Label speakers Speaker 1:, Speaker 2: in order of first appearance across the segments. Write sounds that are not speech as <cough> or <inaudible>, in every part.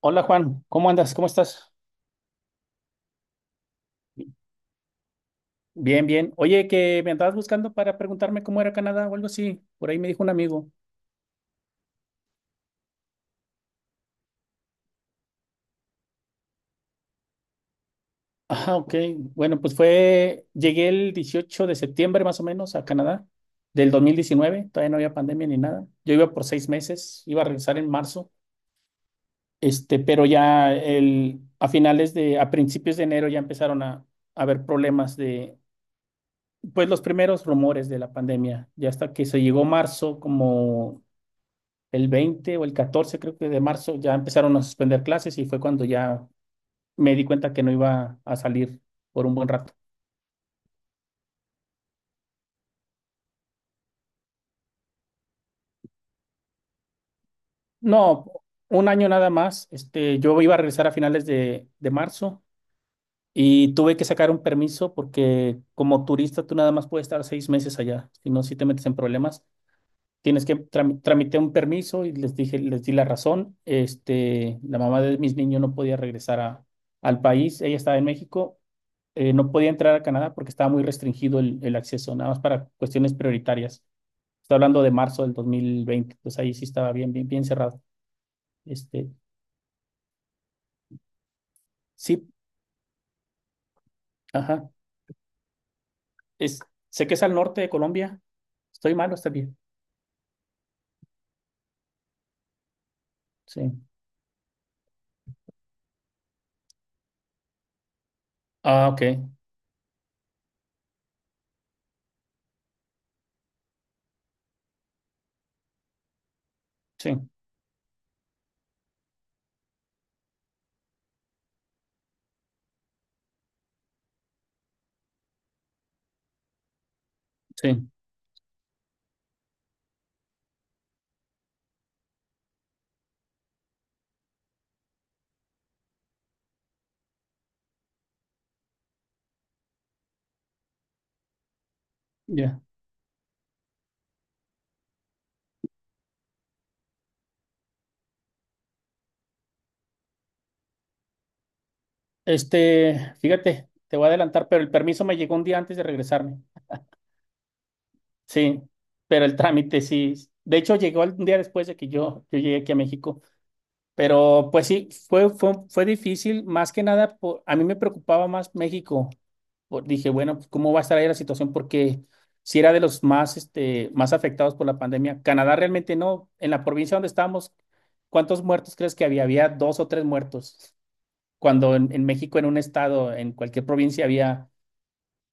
Speaker 1: Hola Juan, ¿cómo andas? ¿Cómo estás? Bien, bien. Oye, que me andabas buscando para preguntarme cómo era Canadá o algo así. Por ahí me dijo un amigo. Ah, ok. Bueno, pues llegué el 18 de septiembre más o menos a Canadá del 2019. Todavía no había pandemia ni nada. Yo iba por 6 meses, iba a regresar en marzo. Pero ya a principios de enero ya empezaron a haber problemas pues los primeros rumores de la pandemia. Ya hasta que se llegó marzo, como el 20 o el 14 creo que de marzo, ya empezaron a suspender clases y fue cuando ya me di cuenta que no iba a salir por un buen rato. No, un año nada más. Yo iba a regresar a finales de marzo y tuve que sacar un permiso porque como turista tú nada más puedes estar 6 meses allá, si no, si te metes en problemas. Tramité un permiso y les dije, les di la razón. La mamá de mis niños no podía regresar al país. Ella estaba en México. No podía entrar a Canadá porque estaba muy restringido el acceso, nada más para cuestiones prioritarias. Estoy hablando de marzo del 2020. Pues ahí sí estaba bien, bien, bien cerrado. Este, sí, ajá. Es, Sé que es al norte de Colombia. ¿Estoy mal o está bien? Sí. Ah, ok. Sí, sí. Ya. Fíjate, te voy a adelantar, pero el permiso me llegó un día antes de regresarme. Sí, pero el trámite sí. De hecho, llegó un día después de que yo llegué aquí a México. Pero pues sí, fue difícil, más que nada, a mí me preocupaba más México. Dije, bueno, pues, ¿cómo va a estar ahí la situación? Porque si era de los más afectados por la pandemia. Canadá realmente no. En la provincia donde estábamos, ¿cuántos muertos crees que había? Había dos o tres muertos. Cuando en México, en un estado, en cualquier provincia, había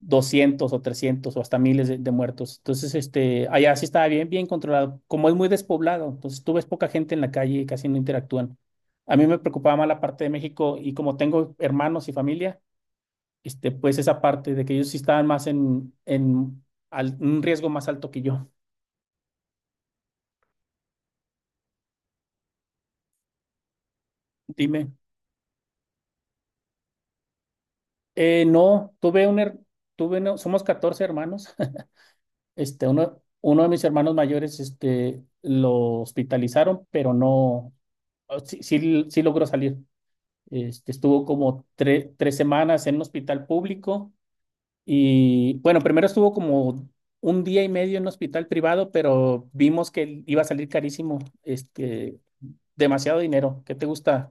Speaker 1: 200 o 300 o hasta miles de muertos. Entonces, allá sí estaba bien, bien controlado. Como es muy despoblado, entonces tú ves poca gente en la calle y casi no interactúan. A mí me preocupaba más la parte de México y como tengo hermanos y familia, pues esa parte de que ellos sí estaban más en un riesgo más alto que yo. Dime, no, tuve un, her- tuve no somos 14 hermanos, <laughs> uno de mis hermanos mayores, lo hospitalizaron, pero no, sí, sí, sí logró salir. Estuvo como 3 semanas en un hospital público y bueno, primero estuvo como un día y medio en un hospital privado, pero vimos que iba a salir carísimo, demasiado dinero. ¿Qué te gusta?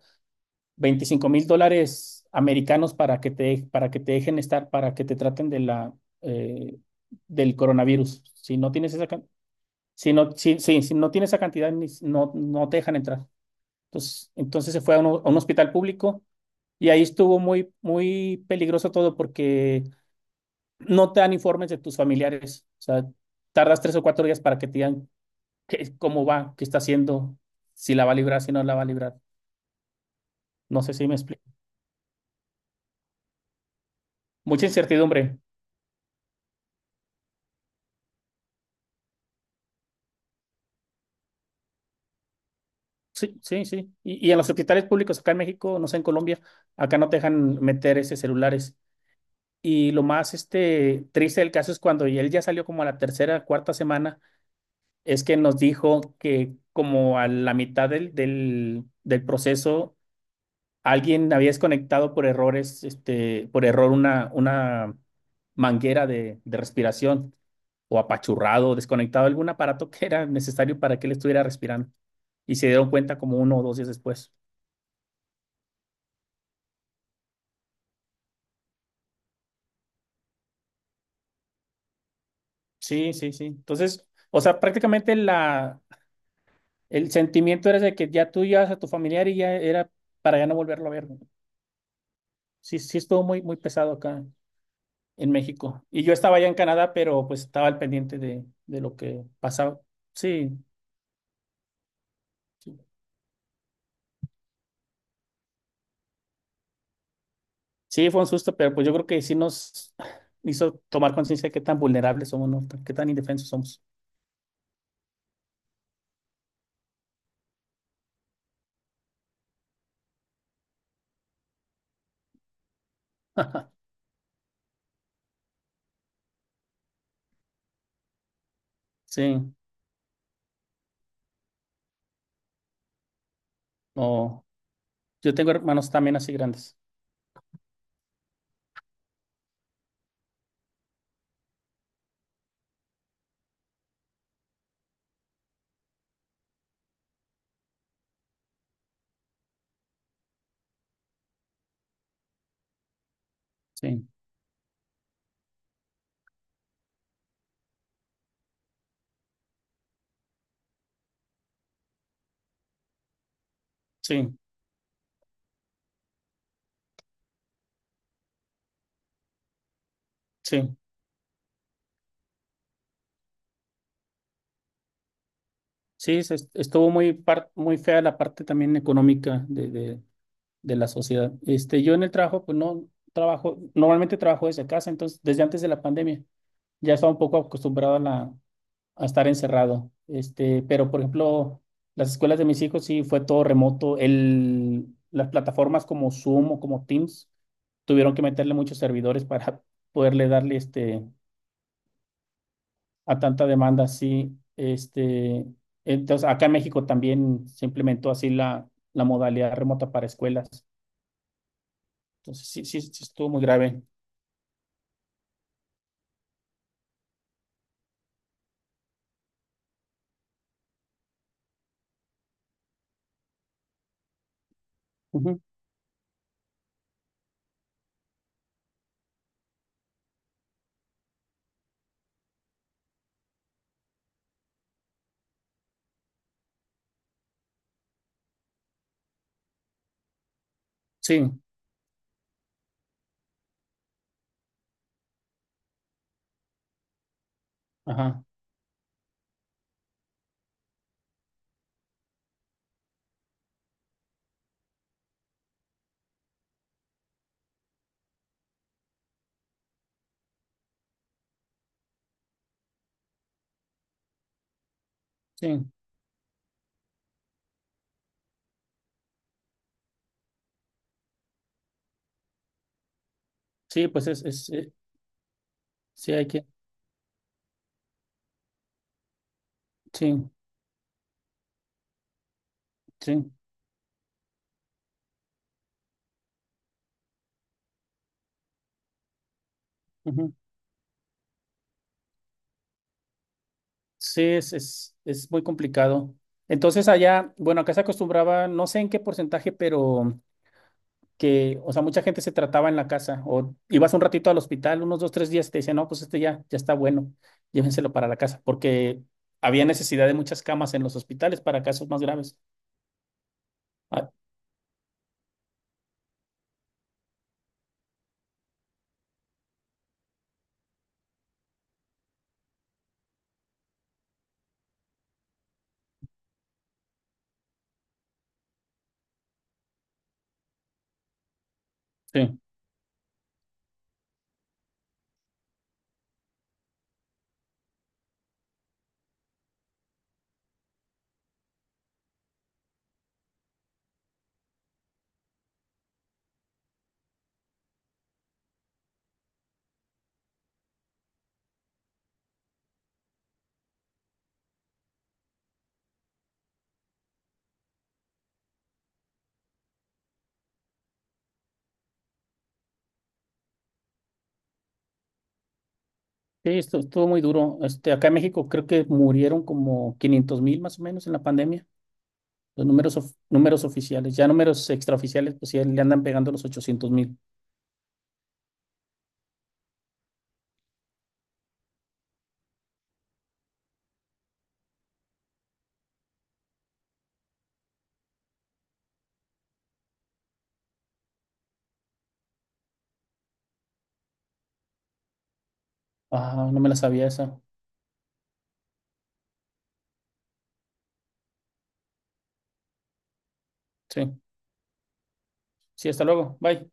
Speaker 1: 25.000 dólares americanos para que te dejen estar, para que te traten eh, del coronavirus. Si no, si no tienes esa cantidad, no te dejan entrar. Entonces se fue a un hospital público y ahí estuvo muy, muy peligroso todo porque no te dan informes de tus familiares. O sea, tardas 3 o 4 días para que te digan cómo va, qué está haciendo, si la va a librar, si no la va a librar. No sé si me explico. Mucha incertidumbre. Sí, sí, sí. Y en los hospitales públicos acá en México, no sé, en Colombia, acá no te dejan meter ese celulares. Y lo más triste del caso es cuando y él ya salió como a la tercera, cuarta semana, es que nos dijo que como a la mitad del proceso alguien había desconectado por errores, por error una manguera de respiración o apachurrado, desconectado algún aparato que era necesario para que él estuviera respirando. Y se dieron cuenta como 1 o 2 días después. Sí, sí, sí. Entonces, o sea, prácticamente el sentimiento era de que ya tú llevas a tu familiar y ya era para ya no volverlo a ver, ¿no? Sí, sí estuvo muy, muy pesado acá en México. Y yo estaba allá en Canadá, pero pues estaba al pendiente de lo que pasaba. Sí. Sí. Sí, fue un susto, pero pues yo creo que sí nos hizo tomar conciencia de qué tan vulnerables somos, ¿no? Qué tan indefensos somos. <laughs> Sí, no. Yo tengo hermanos también así grandes. Sí, sí, sí. Sí, estuvo muy, muy fea la parte también económica de la sociedad. Yo en el trabajo, pues no trabajo, normalmente trabajo desde casa, entonces desde antes de la pandemia ya estaba un poco acostumbrado a estar encerrado. Pero por ejemplo, las escuelas de mis hijos sí fue todo remoto. Las plataformas como Zoom o como Teams tuvieron que meterle muchos servidores para <laughs> poderle darle a tanta demanda. Sí, entonces acá en México también se implementó así la modalidad remota para escuelas. Entonces sí, sí, sí estuvo muy grave. Ujú. Sí, ajá, sí, sí, pues es sí hay que, sí, sí. Ujú. Sí, es muy complicado. Entonces allá, bueno, acá se acostumbraba, no sé en qué porcentaje, pero que, o sea, mucha gente se trataba en la casa o ibas un ratito al hospital, unos 2, 3 días, y te decían, no, pues este ya, ya está bueno, llévenselo para la casa, porque había necesidad de muchas camas en los hospitales para casos más graves. Ah, sí, sí, esto estuvo muy duro. Acá en México creo que murieron como 500.000 más o menos en la pandemia, números oficiales, ya números extraoficiales, pues sí, le andan pegando los 800.000. Ah, no me la sabía esa. Sí. Sí, hasta luego. Bye.